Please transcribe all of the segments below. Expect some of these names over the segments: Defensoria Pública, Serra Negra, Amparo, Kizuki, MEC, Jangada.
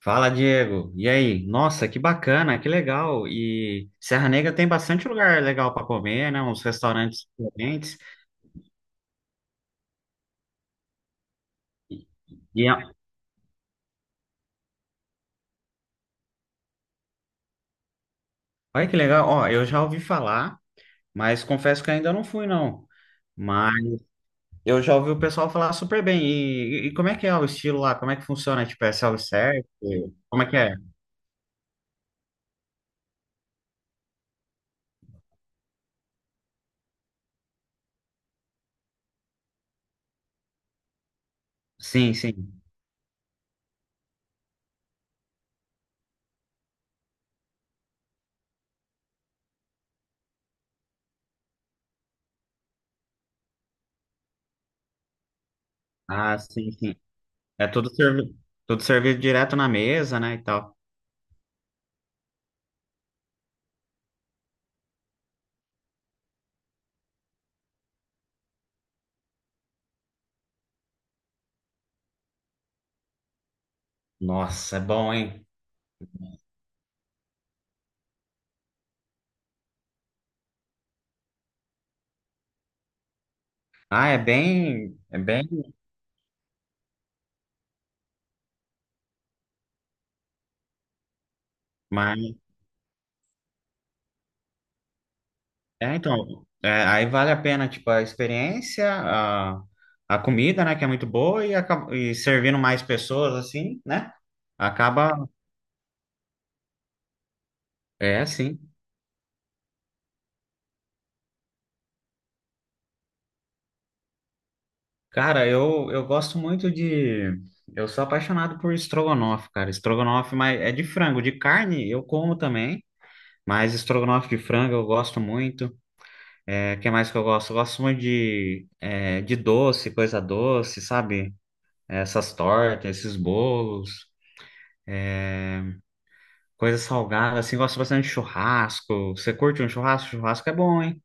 Fala, Diego. E aí? Nossa, que bacana, que legal. E Serra Negra tem bastante lugar legal para comer, né? Uns restaurantes diferentes. E é- Olha que legal. Ó, eu já ouvi falar, mas confesso que ainda não fui, não. Mas eu já ouvi o pessoal falar super bem. E como é que é o estilo lá? Como é que funciona? Tipo, é self-service? Como é que é? Sim, sim. Ah, sim, sim. É tudo servido, tudo servido direto na mesa, né, e tal. Nossa, é bom, hein? Ah, é bem, é bem. É, então, é, aí vale a pena, tipo, a experiência, a comida, né, que é muito boa, e, e servindo mais pessoas, assim, né? Acaba, é, assim. Cara, eu gosto muito de... Eu sou apaixonado por estrogonofe, cara. Estrogonofe, mas é de frango, de carne eu como também, mas estrogonofe de frango eu gosto muito. É, que mais que eu gosto? Eu gosto muito de, é, de doce, coisa doce, sabe? Essas tortas, esses bolos. Coisa salgada, assim, gosto bastante de churrasco. Você curte um churrasco? Churrasco é bom, hein?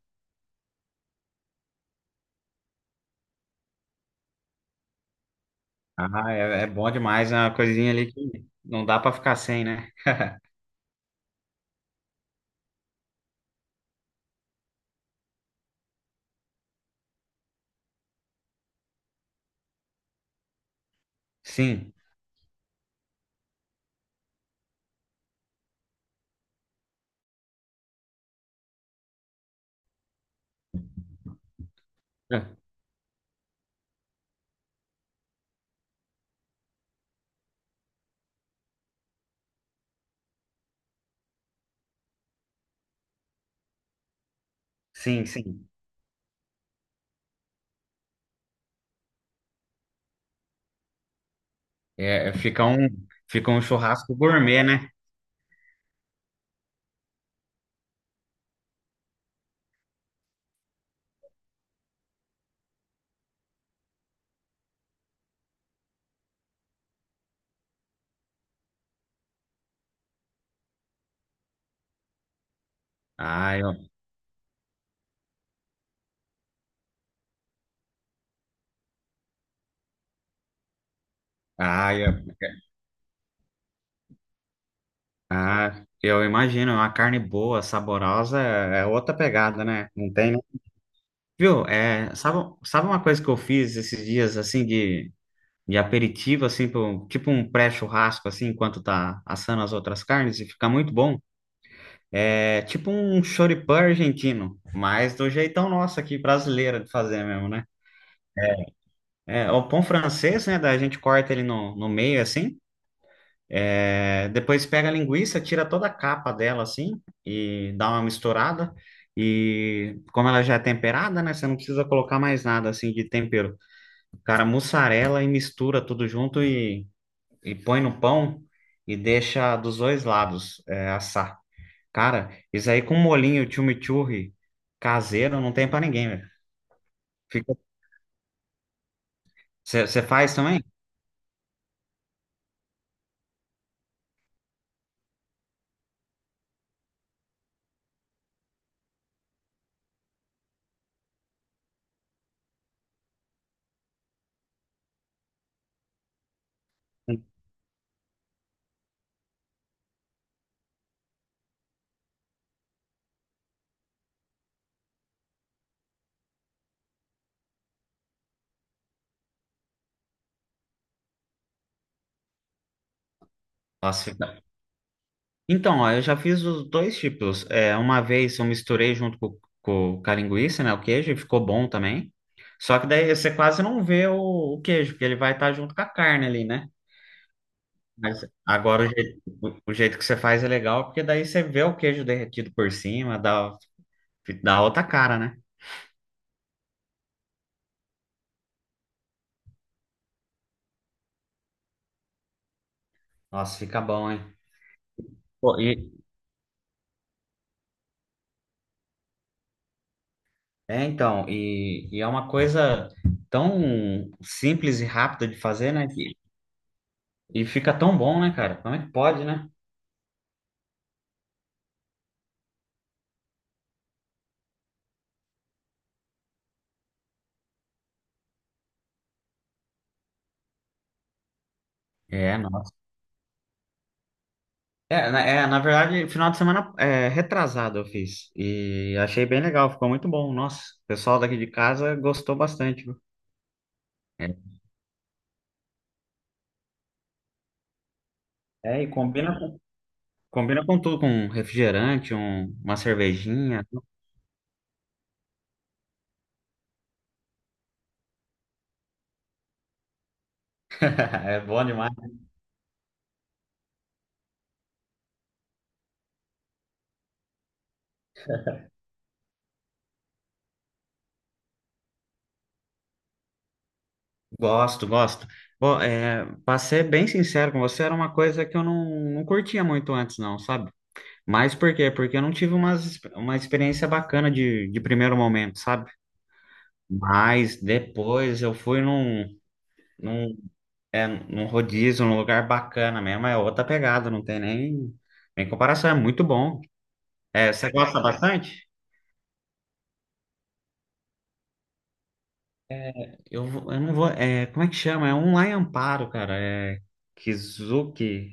Ah, é, é bom demais, é uma coisinha ali que não dá pra ficar sem, né? Sim, é, sim, sim. É, é, fica um churrasco gourmet, né? Ah, eu, ah, eu, ah, eu imagino, uma carne boa, saborosa, é é outra pegada, né? Não tem, né? Viu? É, sabe, sabe uma coisa que eu fiz esses dias, assim, de aperitivo, assim, tipo um pré-churrasco, assim, enquanto tá assando as outras carnes, e fica muito bom. É tipo um choripã argentino, mas do jeitão nosso aqui, brasileiro, de fazer mesmo, né? É, o pão francês, né, da gente corta ele no meio, assim, é, depois pega a linguiça, tira toda a capa dela, assim, e dá uma misturada, e como ela já é temperada, né, você não precisa colocar mais nada, assim, de tempero. Cara, mussarela e mistura tudo junto e põe no pão e deixa dos dois lados é, assar. Cara, isso aí com molinho chimichurri caseiro não tem pra ninguém, velho. Fica... Você faz também? Nossa, fica- Então, ó, eu já fiz os dois tipos. É, uma vez eu misturei junto com a linguiça, né, o queijo, e ficou bom também. Só que daí você quase não vê o queijo, porque ele vai estar junto com a carne ali, né? Mas agora o jeito, o jeito que você faz é legal, porque daí você vê o queijo derretido por cima, dá, dá outra cara, né? Nossa, fica bom, hein? Pô, e- é, então, e é uma coisa tão simples e rápida de fazer, né? e fica tão bom, né, cara? Como é que pode, né? É, nossa. É, na verdade, final de semana é, retrasado eu fiz. E achei bem legal, ficou muito bom. Nossa, o pessoal daqui de casa gostou bastante, viu? É, é, e combina com tudo, com um refrigerante, uma cervejinha. É bom demais. Gosto, gosto. Bom, é, para ser bem sincero com você, era uma coisa que eu não, não curtia muito antes, não, sabe? Mas por quê? Porque eu não tive umas, uma experiência bacana de primeiro momento, sabe? Mas depois eu fui num, num, é, num rodízio, num lugar bacana mesmo, é outra pegada, não tem nem, nem comparação, é muito bom. É, você gosta bastante? Eu não vou. É, como é que chama? É um lá em Amparo, cara. É Kizuki.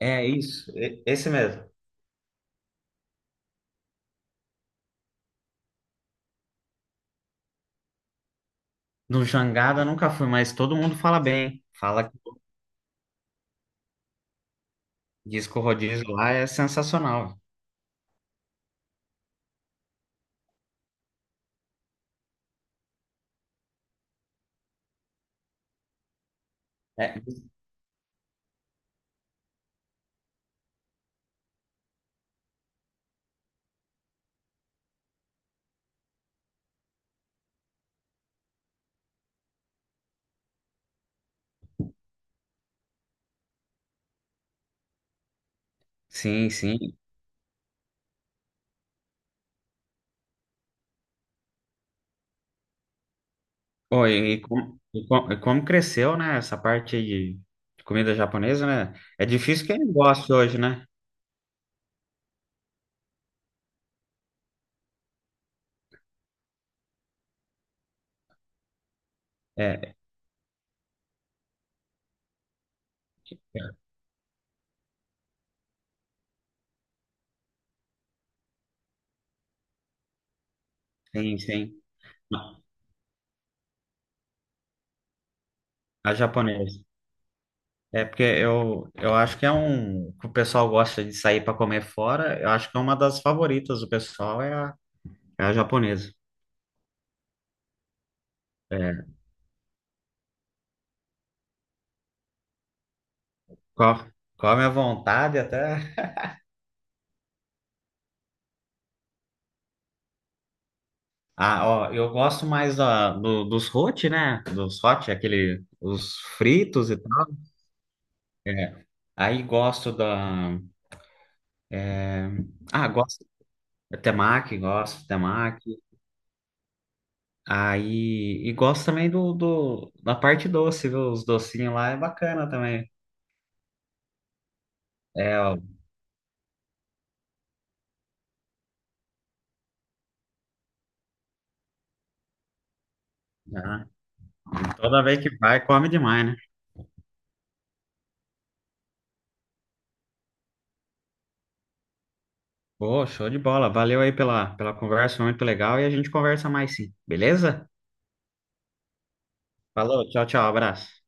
É isso, esse mesmo. No Jangada nunca fui, mas todo mundo fala bem. Fala que disco rodízio lá é sensacional. É, sim, sim. Pô, e como cresceu, né? Essa parte aí de comida japonesa, né? É difícil quem não goste hoje, né? É, sim, sim. A japonesa. É porque eu acho que é um que o pessoal gosta de sair para comer fora. Eu acho que é uma das favoritas do pessoal é a, é a japonesa. É, co- come à vontade até. Ah, ó, eu gosto mais da, dos hot, né? Dos hot, aquele, os fritos e tal. É. Aí gosto da. É, ah, gosto da temaki, gosto de temaki. Aí, e gosto também do, do, da parte doce, viu? Os docinhos lá é bacana também. É, ó, né? Toda vez que vai, come demais, né? Pô, show de bola. Valeu aí pela, pela conversa, foi muito legal. E a gente conversa mais sim, beleza? Falou, tchau, tchau, abraço.